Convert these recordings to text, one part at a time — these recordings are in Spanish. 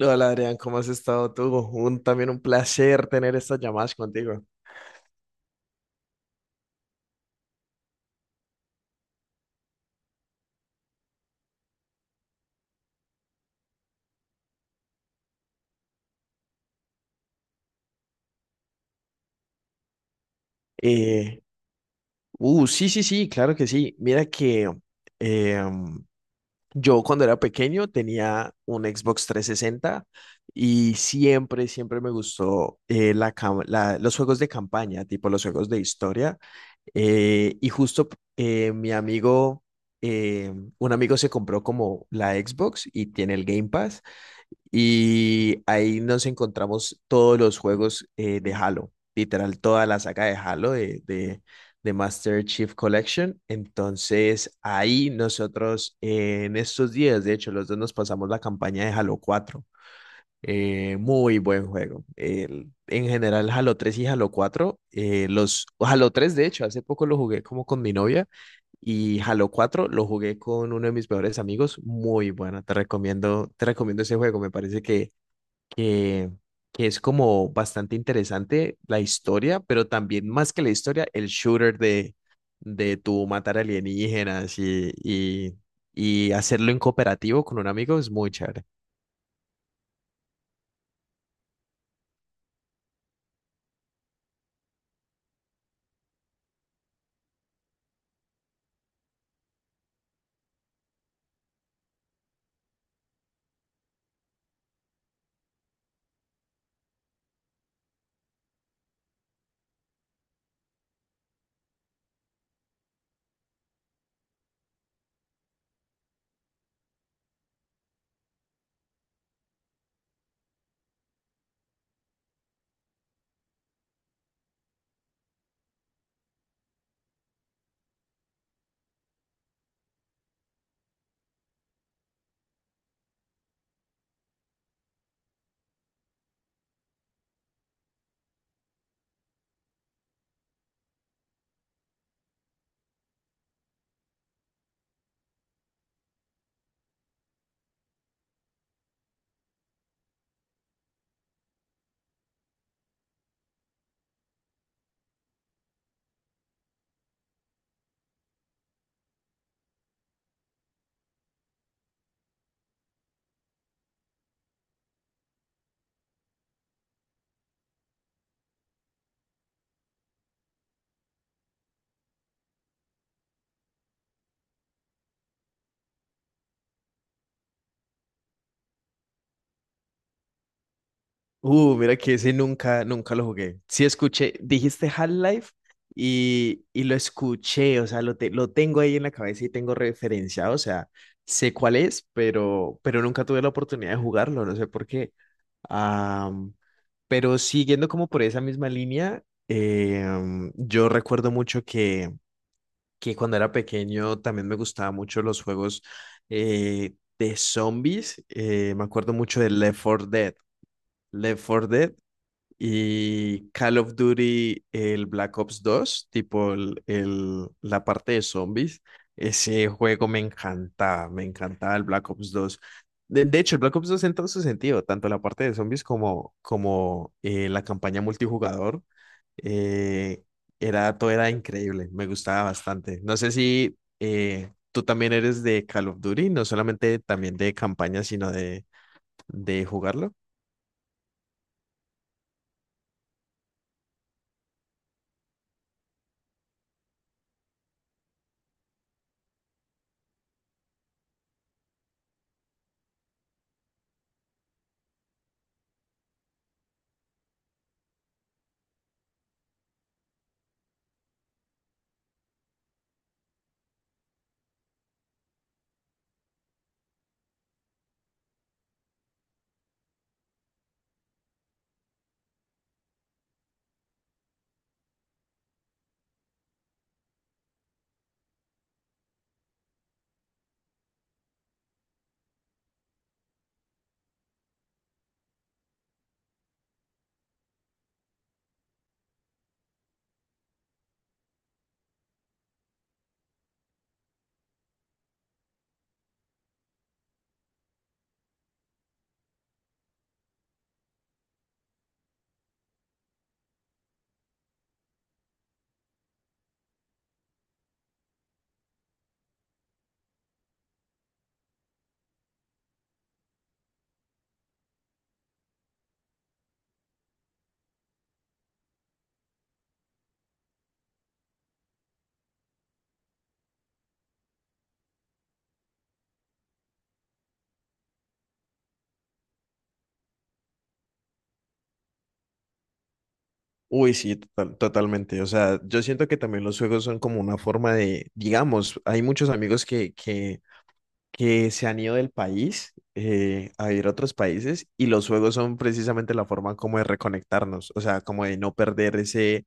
Hola Adrián, ¿cómo has estado tú? También un placer tener estas llamadas contigo. Eh, sí, sí, sí, claro que sí. Mira que eh, yo cuando era pequeño tenía un Xbox 360 y siempre, siempre me gustó los juegos de campaña, tipo los juegos de historia. Y justo eh, mi amigo, eh, un amigo se compró como la Xbox y tiene el Game Pass. Y ahí nos encontramos todos los juegos de Halo, literal, toda la saga de Halo de Master Chief Collection. Entonces, ahí nosotros en estos días, de hecho, los dos nos pasamos la campaña de Halo cuatro, muy buen juego. En general, Halo 3 y Halo cuatro, los Halo 3 de hecho, hace poco lo jugué como con mi novia, y Halo 4 lo jugué con uno de mis mejores amigos. Muy bueno, te recomiendo ese juego. Me parece que, que es como bastante interesante la historia, pero también más que la historia, el shooter de tu matar alienígenas y hacerlo en cooperativo con un amigo es muy chévere. Mira que ese nunca, nunca lo jugué. Sí escuché, dijiste Half-Life, y lo escuché, o sea, lo tengo ahí en la cabeza y tengo referencia, o sea, sé cuál es, pero nunca tuve la oportunidad de jugarlo, no sé por qué. Am, pero siguiendo como por esa misma línea, yo recuerdo mucho que cuando era pequeño también me gustaban mucho los juegos de zombies, me acuerdo mucho de Left 4 Dead. Left 4 Dead y Call of Duty, el Black Ops dos la parte de zombies. Ese juego me encantaba el Black Ops dos. De hecho, el Black Ops 2 en todo su sentido, tanto la parte de zombies como la campaña multijugador, eh, todo era increíble, me gustaba bastante. No sé si tú también eres de Call of Duty, no solamente también de campaña, sino de jugarlo. Uy, sí, totalmente. O sea, yo siento que también los juegos son como una forma de, digamos, hay muchos amigos que se han ido del país, a ir a otros países, y los juegos son precisamente la forma como de reconectarnos, o sea, como de no perder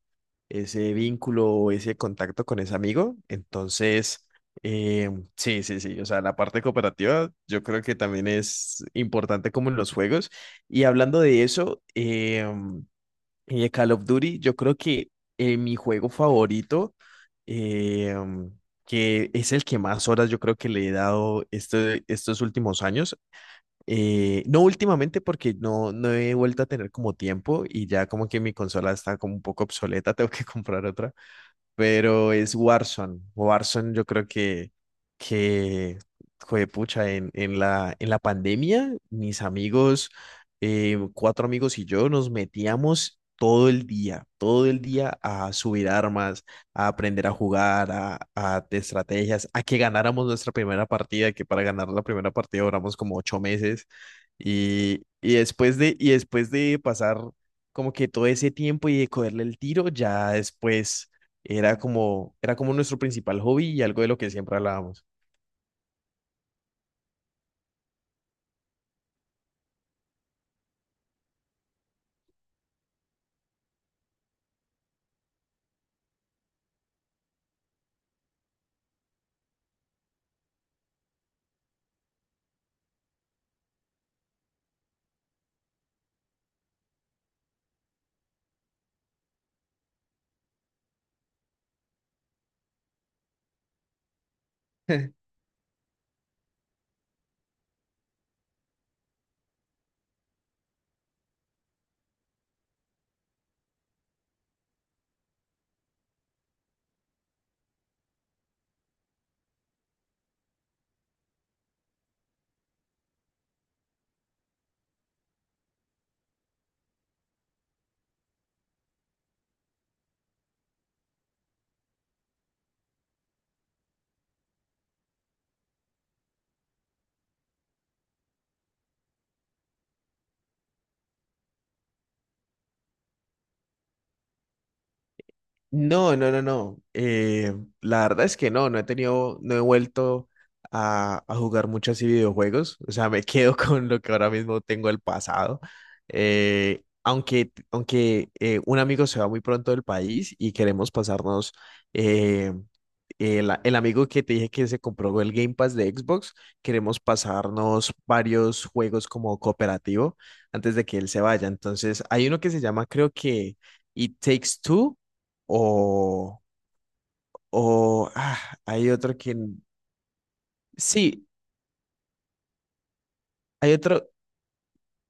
ese vínculo o ese contacto con ese amigo. Entonces, eh, sí, sí, sí, o sea, la parte cooperativa yo creo que también es importante como en los juegos. Y hablando de eso, y de Call of Duty, yo creo que mi juego favorito, eh, que es el que más horas yo creo que le he dado estos últimos años, no últimamente porque no, no he vuelto a tener como tiempo y ya como que mi consola está como un poco obsoleta, tengo que comprar otra, pero es Warzone. Warzone yo creo que juepucha, en la pandemia, mis amigos, cuatro amigos y yo nos metíamos todo el día a subir armas, a aprender a jugar, a de estrategias, a que ganáramos nuestra primera partida, que para ganar la primera partida duramos como ocho meses. Y después de pasar como que todo ese tiempo y de cogerle el tiro, ya después era como nuestro principal hobby y algo de lo que siempre hablábamos. No, no, no, no. La verdad es que no, no he tenido, no he vuelto a jugar mucho así videojuegos. O sea, me quedo con lo que ahora mismo tengo del pasado. Aunque un amigo se va muy pronto del país y queremos pasarnos, eh, el amigo que te dije que se compró el Game Pass de Xbox, queremos pasarnos varios juegos como cooperativo antes de que él se vaya. Entonces, hay uno que se llama, creo que It Takes Two, o, o ah, hay otro que... Sí, hay otro.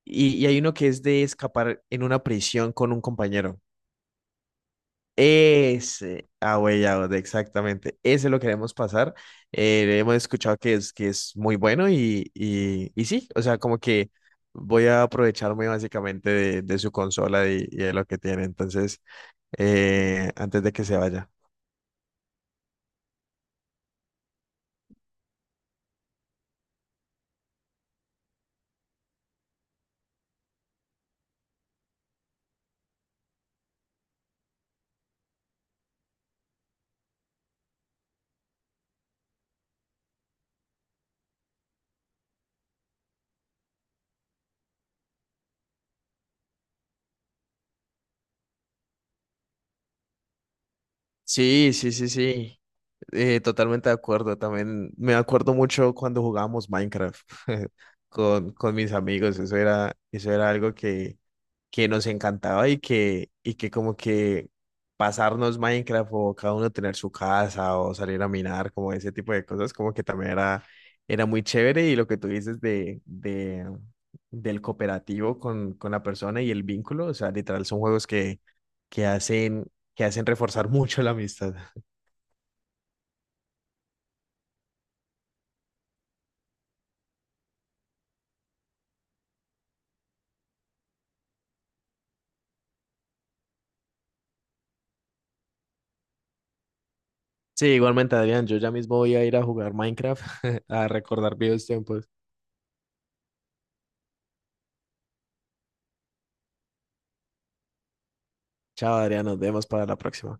Y hay uno que es de escapar en una prisión con un compañero. Ese, ah, güey, ya, exactamente. Ese lo queremos pasar. Hemos escuchado que es muy bueno y sí, o sea, como que voy a aprovecharme básicamente de su consola y de lo que tiene. Entonces, antes de que se vaya. Sí, sí, sí, sí. Totalmente de acuerdo. También me acuerdo mucho cuando jugábamos Minecraft con mis amigos. Eso eso era algo que nos encantaba y que como que pasarnos Minecraft o cada uno tener su casa o salir a minar, como ese tipo de cosas, como que también era muy chévere. Y lo que tú dices del cooperativo con la persona y el vínculo, o sea, literal son juegos que que hacen reforzar mucho la amistad. Sí, igualmente, Adrián, yo ya mismo voy a ir a jugar Minecraft, a recordar viejos tiempos. Chao, Adrián, nos vemos para la próxima.